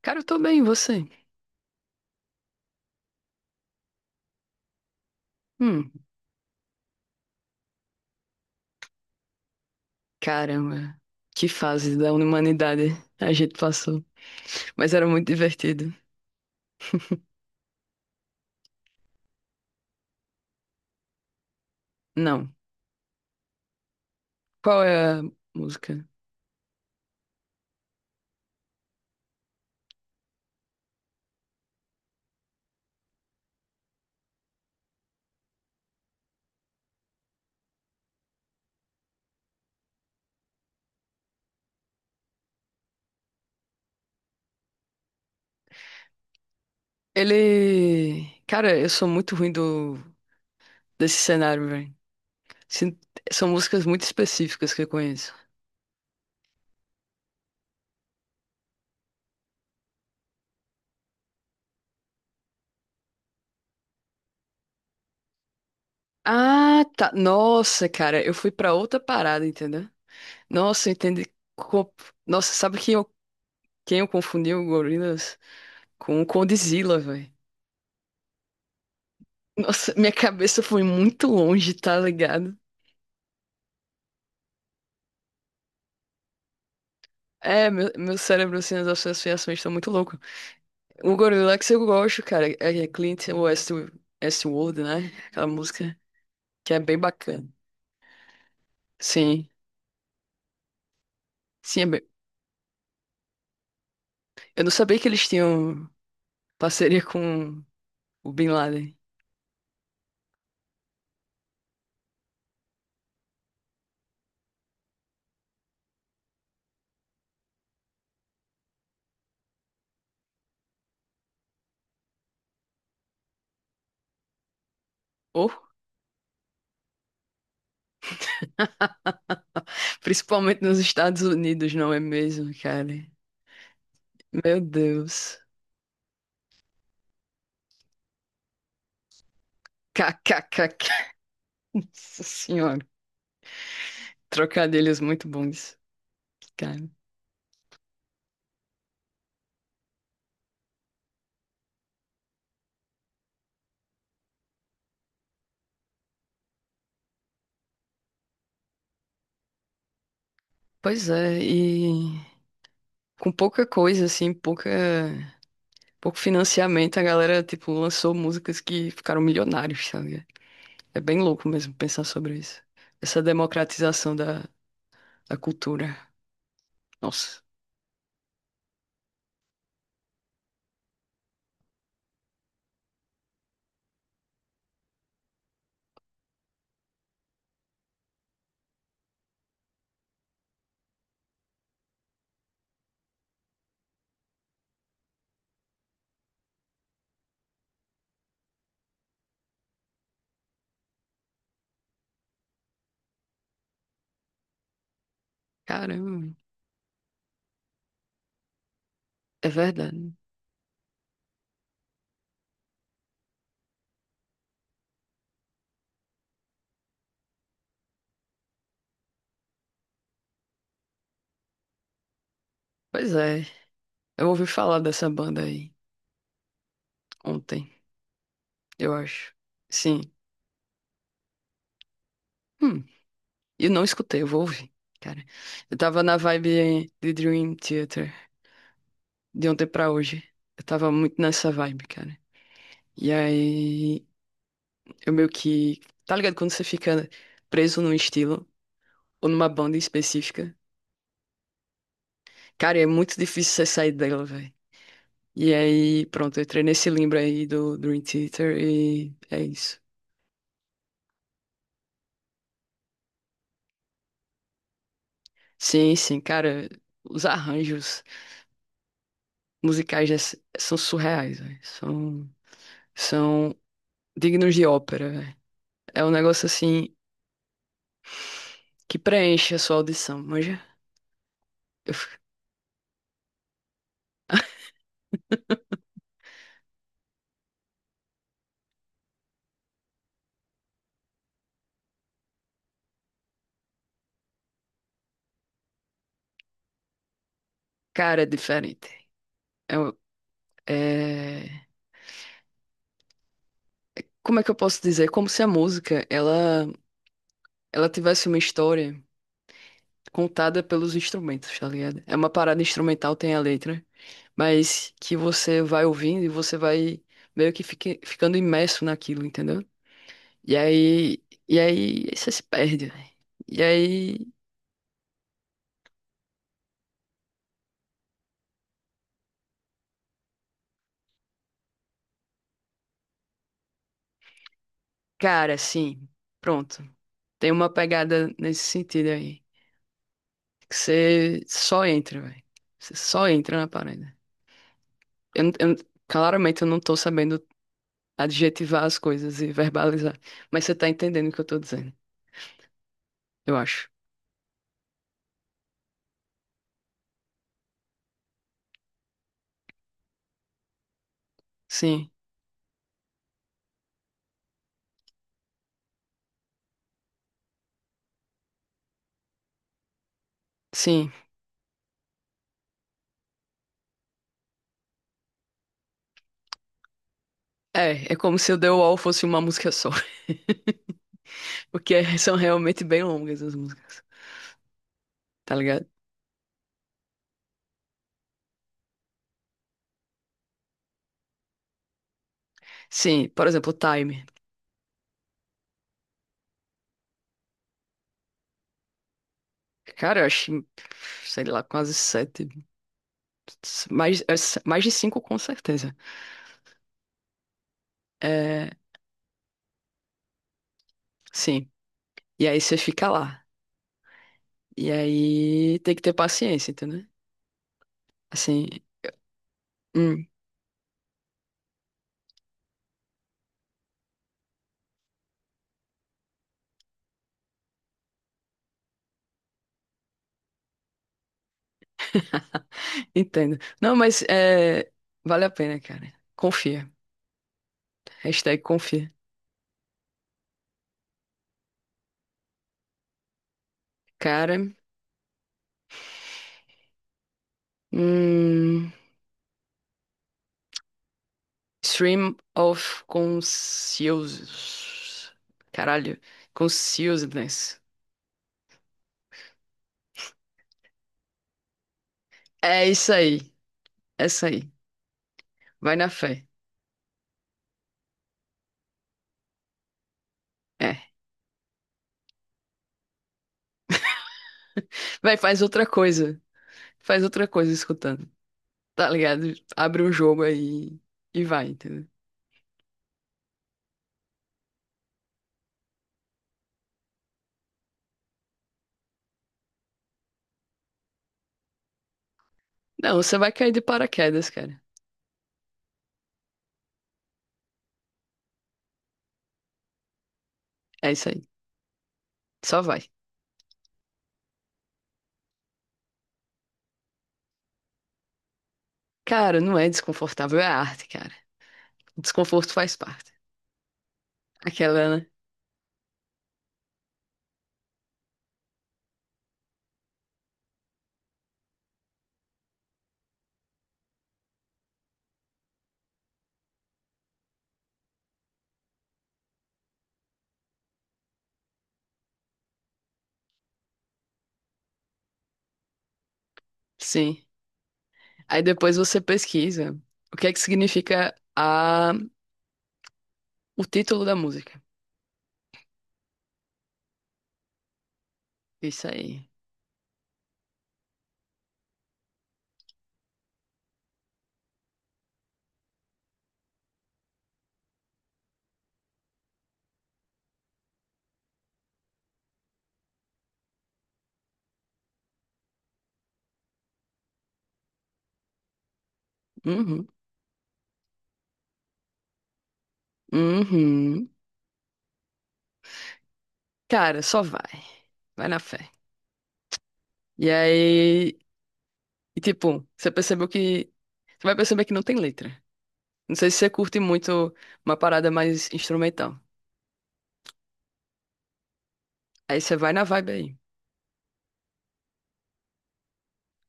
Cara, eu tô bem, e você? Hum, caramba, que fase da humanidade a gente passou. Mas era muito divertido. Não. Qual é a música? Ele. Cara, eu sou muito ruim do... desse cenário, velho. Sin- São músicas muito específicas que eu conheço. Ah, tá. Nossa, cara, eu fui pra outra parada, entendeu? Nossa, eu entendi. Co- Nossa, sabe quem eu confundi o Gorillaz com o Condzilla, velho? Nossa, minha cabeça foi muito longe, tá ligado? É, meu cérebro, assim, as associações estão muito louco. O Gorillaz eu gosto, cara. É Clint West, Westworld, né? Aquela música que é bem bacana. Sim, sim, é bem... Eu não sabia que eles tinham parceria com o Bin Laden. Oh, principalmente nos Estados Unidos, não é mesmo, cara? Meu Deus. KKKK. Nossa senhora. Trocadilhos muito bons, cara. Pois é, e com pouca coisa, assim, pouca, pouco financiamento, a galera, tipo, lançou músicas que ficaram milionários, sabe? É bem louco mesmo pensar sobre isso. Essa democratização da, da cultura. Nossa, caramba, é verdade. Pois é, eu ouvi falar dessa banda aí ontem, eu acho. Sim. Hum, eu não escutei, eu vou ouvir. Cara, eu tava na vibe de Dream Theater de ontem pra hoje. Eu tava muito nessa vibe, cara. E aí eu meio que. Tá ligado? Quando você fica preso num estilo ou numa banda específica, cara, é muito difícil você sair dela, velho. E aí, pronto, eu entrei nesse limbo aí do Dream Theater e é isso. Sim, sim, cara, os arranjos musicais dessa- são surreais, velho. São, são dignos de ópera, velho. É um negócio assim que preenche a sua audição, manja? Eu fico- Cara, é diferente. É, um- é... Como é que eu posso dizer? Como se a música, ela. Ela tivesse uma história contada pelos instrumentos, tá ligado? É uma parada instrumental, tem a letra, mas que você vai ouvindo e você vai meio que fique- ficando imerso naquilo, entendeu? E aí você se perde, velho. E aí, cara, assim, pronto. Tem uma pegada nesse sentido aí. Que você só entra, velho. Você só entra na parada. Eu, não- claramente eu não tô sabendo adjetivar as coisas e verbalizar, mas você tá entendendo o que eu tô dizendo. Eu acho. Sim, sim. É, é como se o The Wall fosse uma música só, porque é, são realmente bem longas as músicas, tá ligado? Sim, por exemplo, Time. Cara, eu acho, sei lá, quase sete, mais, mais de cinco com certeza. É, sim. E aí você fica lá. E aí tem que ter paciência, entendeu? Assim, hum, entendo. Não, mas é, vale a pena, cara. Confia. Hashtag confia. Cara, hum, Stream of Consciousness. Caralho. Consciousness. É isso aí. É isso aí. Vai na fé. É. Vai, faz outra coisa. Faz outra coisa escutando. Tá ligado? Abre um jogo aí e vai, entendeu? Não, você vai cair de paraquedas, cara. É isso aí. Só vai. Cara, não é desconfortável, é arte, cara. O desconforto faz parte. Aquela, né? Sim. Aí depois você pesquisa o que é que significa a... o título da música. Isso aí. Uhum. Uhum. Cara, só vai. Vai na fé. E aí, e, tipo, você percebeu que. Você vai perceber que não tem letra. Não sei se você curte muito uma parada mais instrumental. Aí você vai na vibe aí.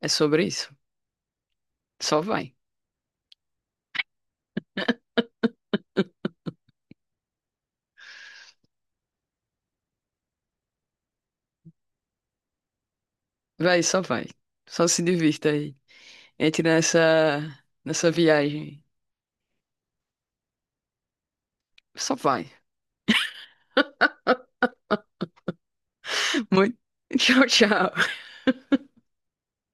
É sobre isso. Só vai. Vai. Só se divirta aí. Entre nessa, nessa viagem. Só vai. Muito. Tchau, tchau.